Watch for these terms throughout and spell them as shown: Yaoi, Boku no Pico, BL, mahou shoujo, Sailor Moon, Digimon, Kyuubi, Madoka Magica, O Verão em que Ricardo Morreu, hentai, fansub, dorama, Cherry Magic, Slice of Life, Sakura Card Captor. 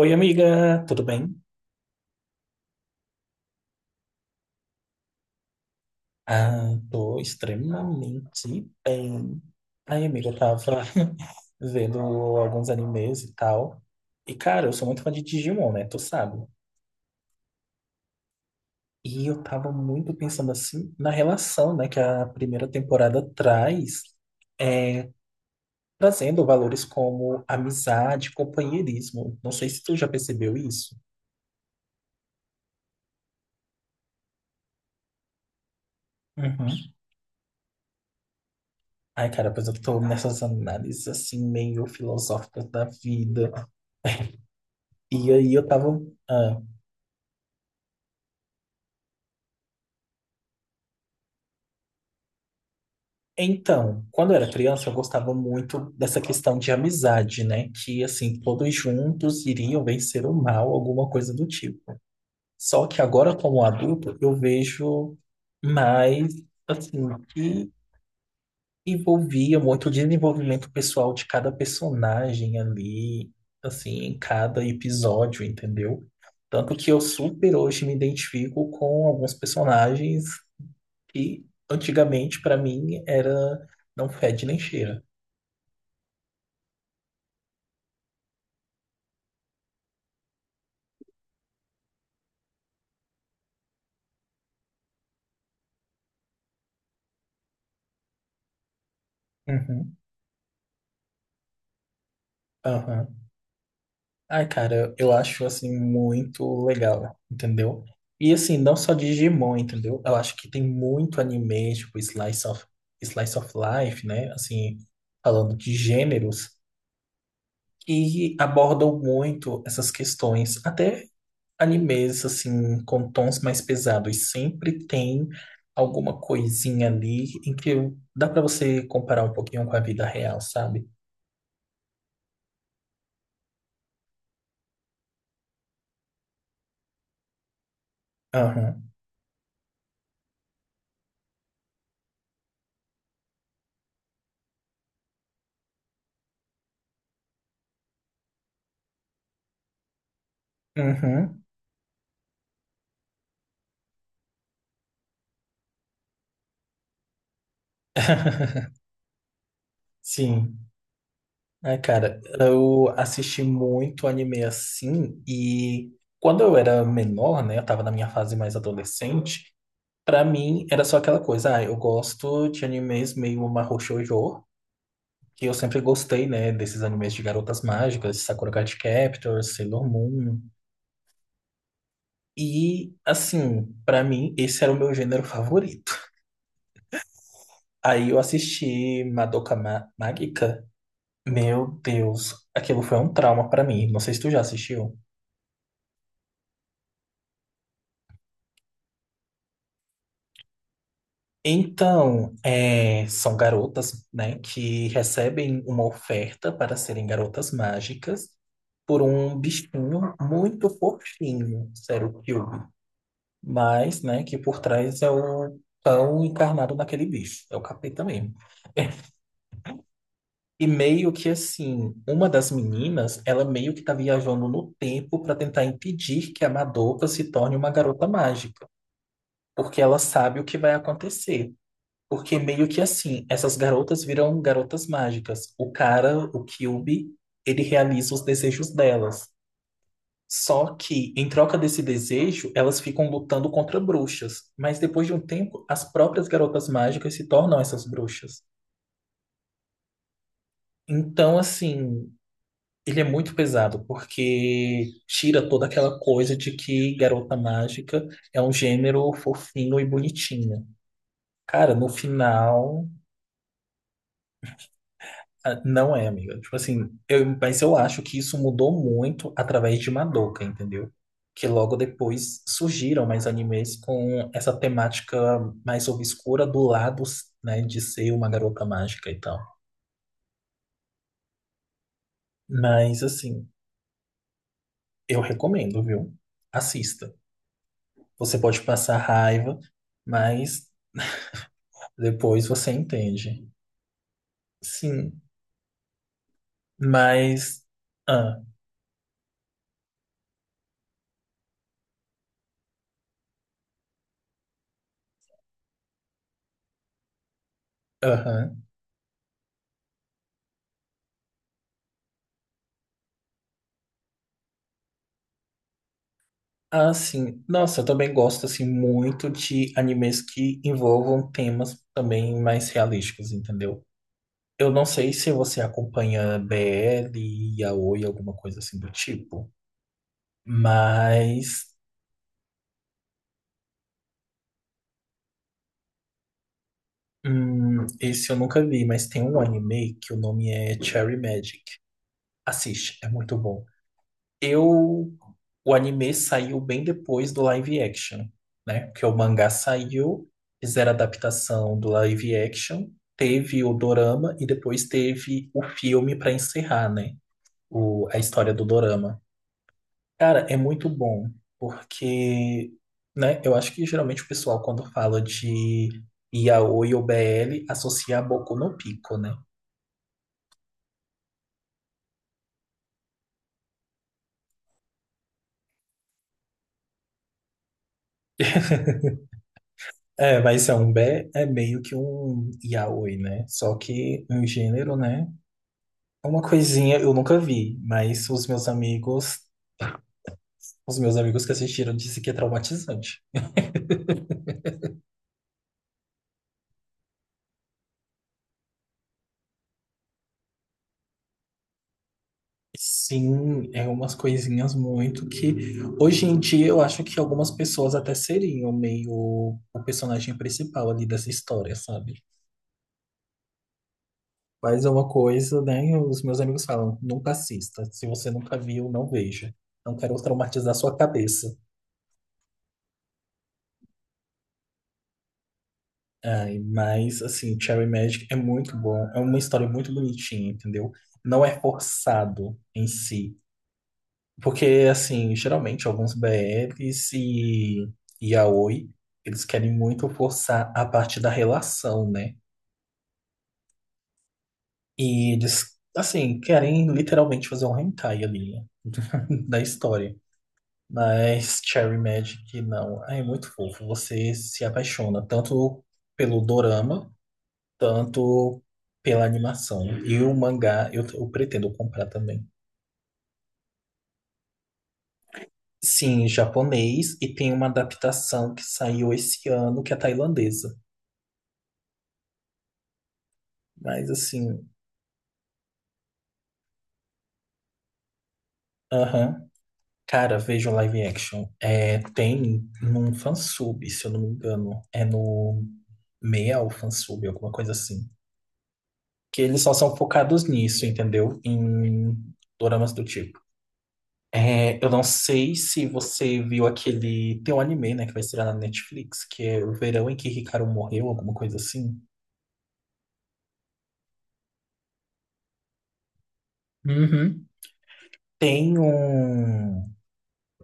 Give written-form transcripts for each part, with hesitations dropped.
Oi, amiga, tudo bem? Ah, tô extremamente bem. Ai, amiga, eu tava vendo alguns animes e tal. E, cara, eu sou muito fã de Digimon, né? Tu sabe? E eu tava muito pensando, assim, na relação, né, que a primeira temporada traz, é, trazendo valores como amizade, companheirismo. Não sei se tu já percebeu isso. Uhum. Ai, cara, pois eu tô nessas análises, assim, meio filosóficas da vida. E aí eu tava. ah, Então, quando eu era criança, eu gostava muito dessa questão de amizade, né? Que, assim, todos juntos iriam vencer o mal, alguma coisa do tipo. Só que agora, como adulto, eu vejo mais, assim, que envolvia muito o desenvolvimento pessoal de cada personagem ali, assim, em cada episódio, entendeu? Tanto que eu super hoje me identifico com alguns personagens que antigamente, pra mim, era não fede nem cheira. Uhum, aham. Ai, cara, eu acho assim muito legal, entendeu? E assim, não só Digimon, entendeu? Eu acho que tem muito anime, tipo Slice of Life, né? Assim, falando de gêneros, que abordam muito essas questões. Até animes, assim, com tons mais pesados, sempre tem alguma coisinha ali em que dá pra você comparar um pouquinho com a vida real, sabe? Aham, uhum. Sim. É, cara, eu assisti muito anime assim e quando eu era menor, né, eu tava na minha fase mais adolescente, pra mim era só aquela coisa, ah, eu gosto de animes meio mahou shoujo, que eu sempre gostei, né, desses animes de garotas mágicas, Sakura Card Captor, Sailor Moon. E assim, pra mim esse era o meu gênero favorito. Aí eu assisti Madoka Magica. Meu Deus, aquilo foi um trauma pra mim. Não sei se tu já assistiu. Então, são garotas, né, que recebem uma oferta para serem garotas mágicas por um bichinho muito fofinho, Serukyu, mas, né, que por trás é o pão encarnado naquele bicho, é o capeta mesmo. E meio que assim, uma das meninas, ela meio que tá viajando no tempo para tentar impedir que a Madoka se torne uma garota mágica, porque ela sabe o que vai acontecer. Porque meio que assim, essas garotas viram garotas mágicas. O cara, o Kyuubi, ele realiza os desejos delas. Só que, em troca desse desejo, elas ficam lutando contra bruxas. Mas depois de um tempo, as próprias garotas mágicas se tornam essas bruxas. Então, assim, ele é muito pesado, porque tira toda aquela coisa de que garota mágica é um gênero fofinho e bonitinho. Cara, no final. Ah, não é, amiga. Tipo assim, mas eu acho que isso mudou muito através de Madoka, entendeu? Que logo depois surgiram mais animes com essa temática mais obscura do lado, né, de ser uma garota mágica e tal. Mas assim, eu recomendo, viu? Assista. Você pode passar raiva, mas depois você entende. Sim, mas. Ah, aham. Ah, sim. Nossa, eu também gosto assim muito de animes que envolvam temas também mais realísticos, entendeu? Eu não sei se você acompanha BL, Yaoi, alguma coisa assim do tipo, mas esse eu nunca vi, mas tem um anime que o nome é Cherry Magic. Assiste, é muito bom. Eu, o anime saiu bem depois do live action, né? Porque o mangá saiu, fizeram a adaptação do live action, teve o dorama e depois teve o filme para encerrar, né? A história do dorama. Cara, é muito bom, porque, né? Eu acho que geralmente o pessoal, quando fala de yaoi ou BL, associa a Boku no Pico, né? É, mas é um B é meio que um yaoi, né? Só que um gênero, né? Uma coisinha eu nunca vi, mas os meus amigos que assistiram disse que é traumatizante. Sim, é umas coisinhas muito que hoje em dia eu acho que algumas pessoas até seriam meio o personagem principal ali dessa história, sabe? Mas é uma coisa, né? Os meus amigos falam, nunca assista. Se você nunca viu, não veja. Não quero traumatizar sua cabeça. Ai, mas, assim, Cherry Magic é muito bom. É uma história muito bonitinha, entendeu? Não é forçado em si. Porque, assim, geralmente alguns BLs e yaoi, eles querem muito forçar a parte da relação, né? E eles, assim, querem literalmente fazer um hentai ali, né? da história. Mas Cherry Magic, não. Ai, é muito fofo. Você se apaixona tanto pelo dorama, tanto pela animação. E o mangá eu pretendo comprar também. Sim, japonês, e tem uma adaptação que saiu esse ano, que é tailandesa. Mas assim, aham. Cara, veja o live action. É, tem num fansub, se eu não me engano. É no meia ou fansub, alguma coisa assim. Que eles só são focados nisso, entendeu? Em doramas do tipo. É, eu não sei se você viu aquele. Tem um anime, né, que vai estrear na Netflix, que é O Verão em que Ricardo Morreu, alguma coisa assim. Uhum. Tem um.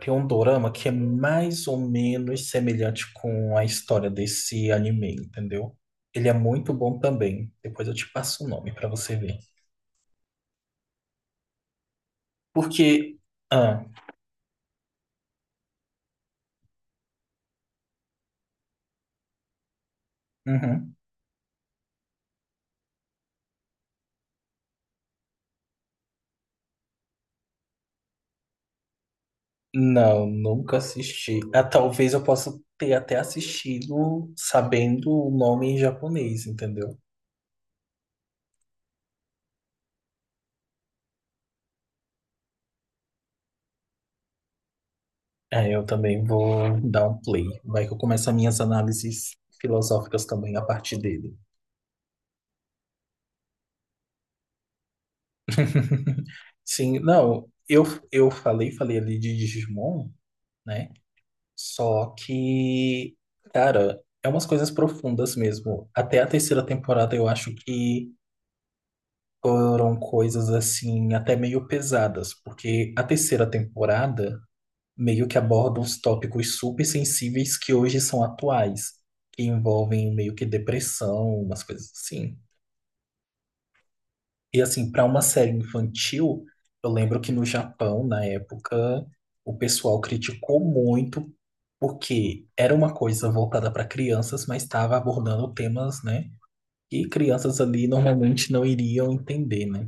Tem um dorama que é mais ou menos semelhante com a história desse anime, entendeu? Ele é muito bom também. Depois eu te passo o nome pra você ver. Porque. Ah, uhum. Não, nunca assisti. Ah, talvez eu possa ter até assistido sabendo o nome em japonês, entendeu? É, eu também vou dar um play. Vai que eu começo as minhas análises filosóficas também a partir dele. Sim, não, eu falei ali de Digimon, né? Só que, cara, é umas coisas profundas mesmo. Até a terceira temporada eu acho que foram coisas assim, até meio pesadas, porque a terceira temporada meio que aborda uns tópicos super sensíveis que hoje são atuais, que envolvem meio que depressão, umas coisas assim. E assim, para uma série infantil, eu lembro que no Japão, na época, o pessoal criticou muito porque era uma coisa voltada para crianças, mas estava abordando temas, né, que crianças ali normalmente não iriam entender, né?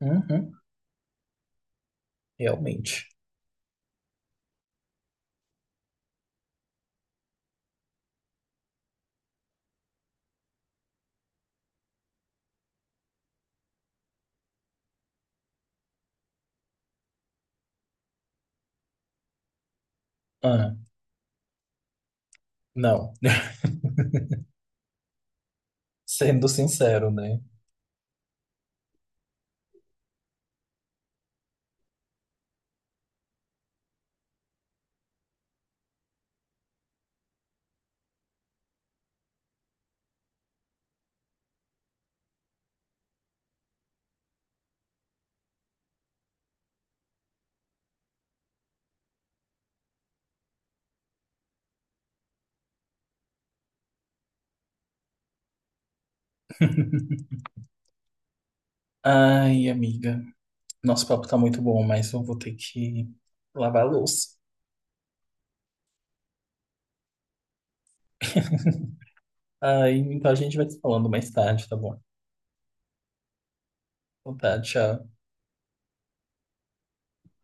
Uhum, realmente. Ah, não, sendo sincero, né? Ai, amiga. Nosso papo tá muito bom, mas eu vou ter que lavar a louça. Aí, então a gente vai se falando mais tarde, tá bom? Então tá, tchau.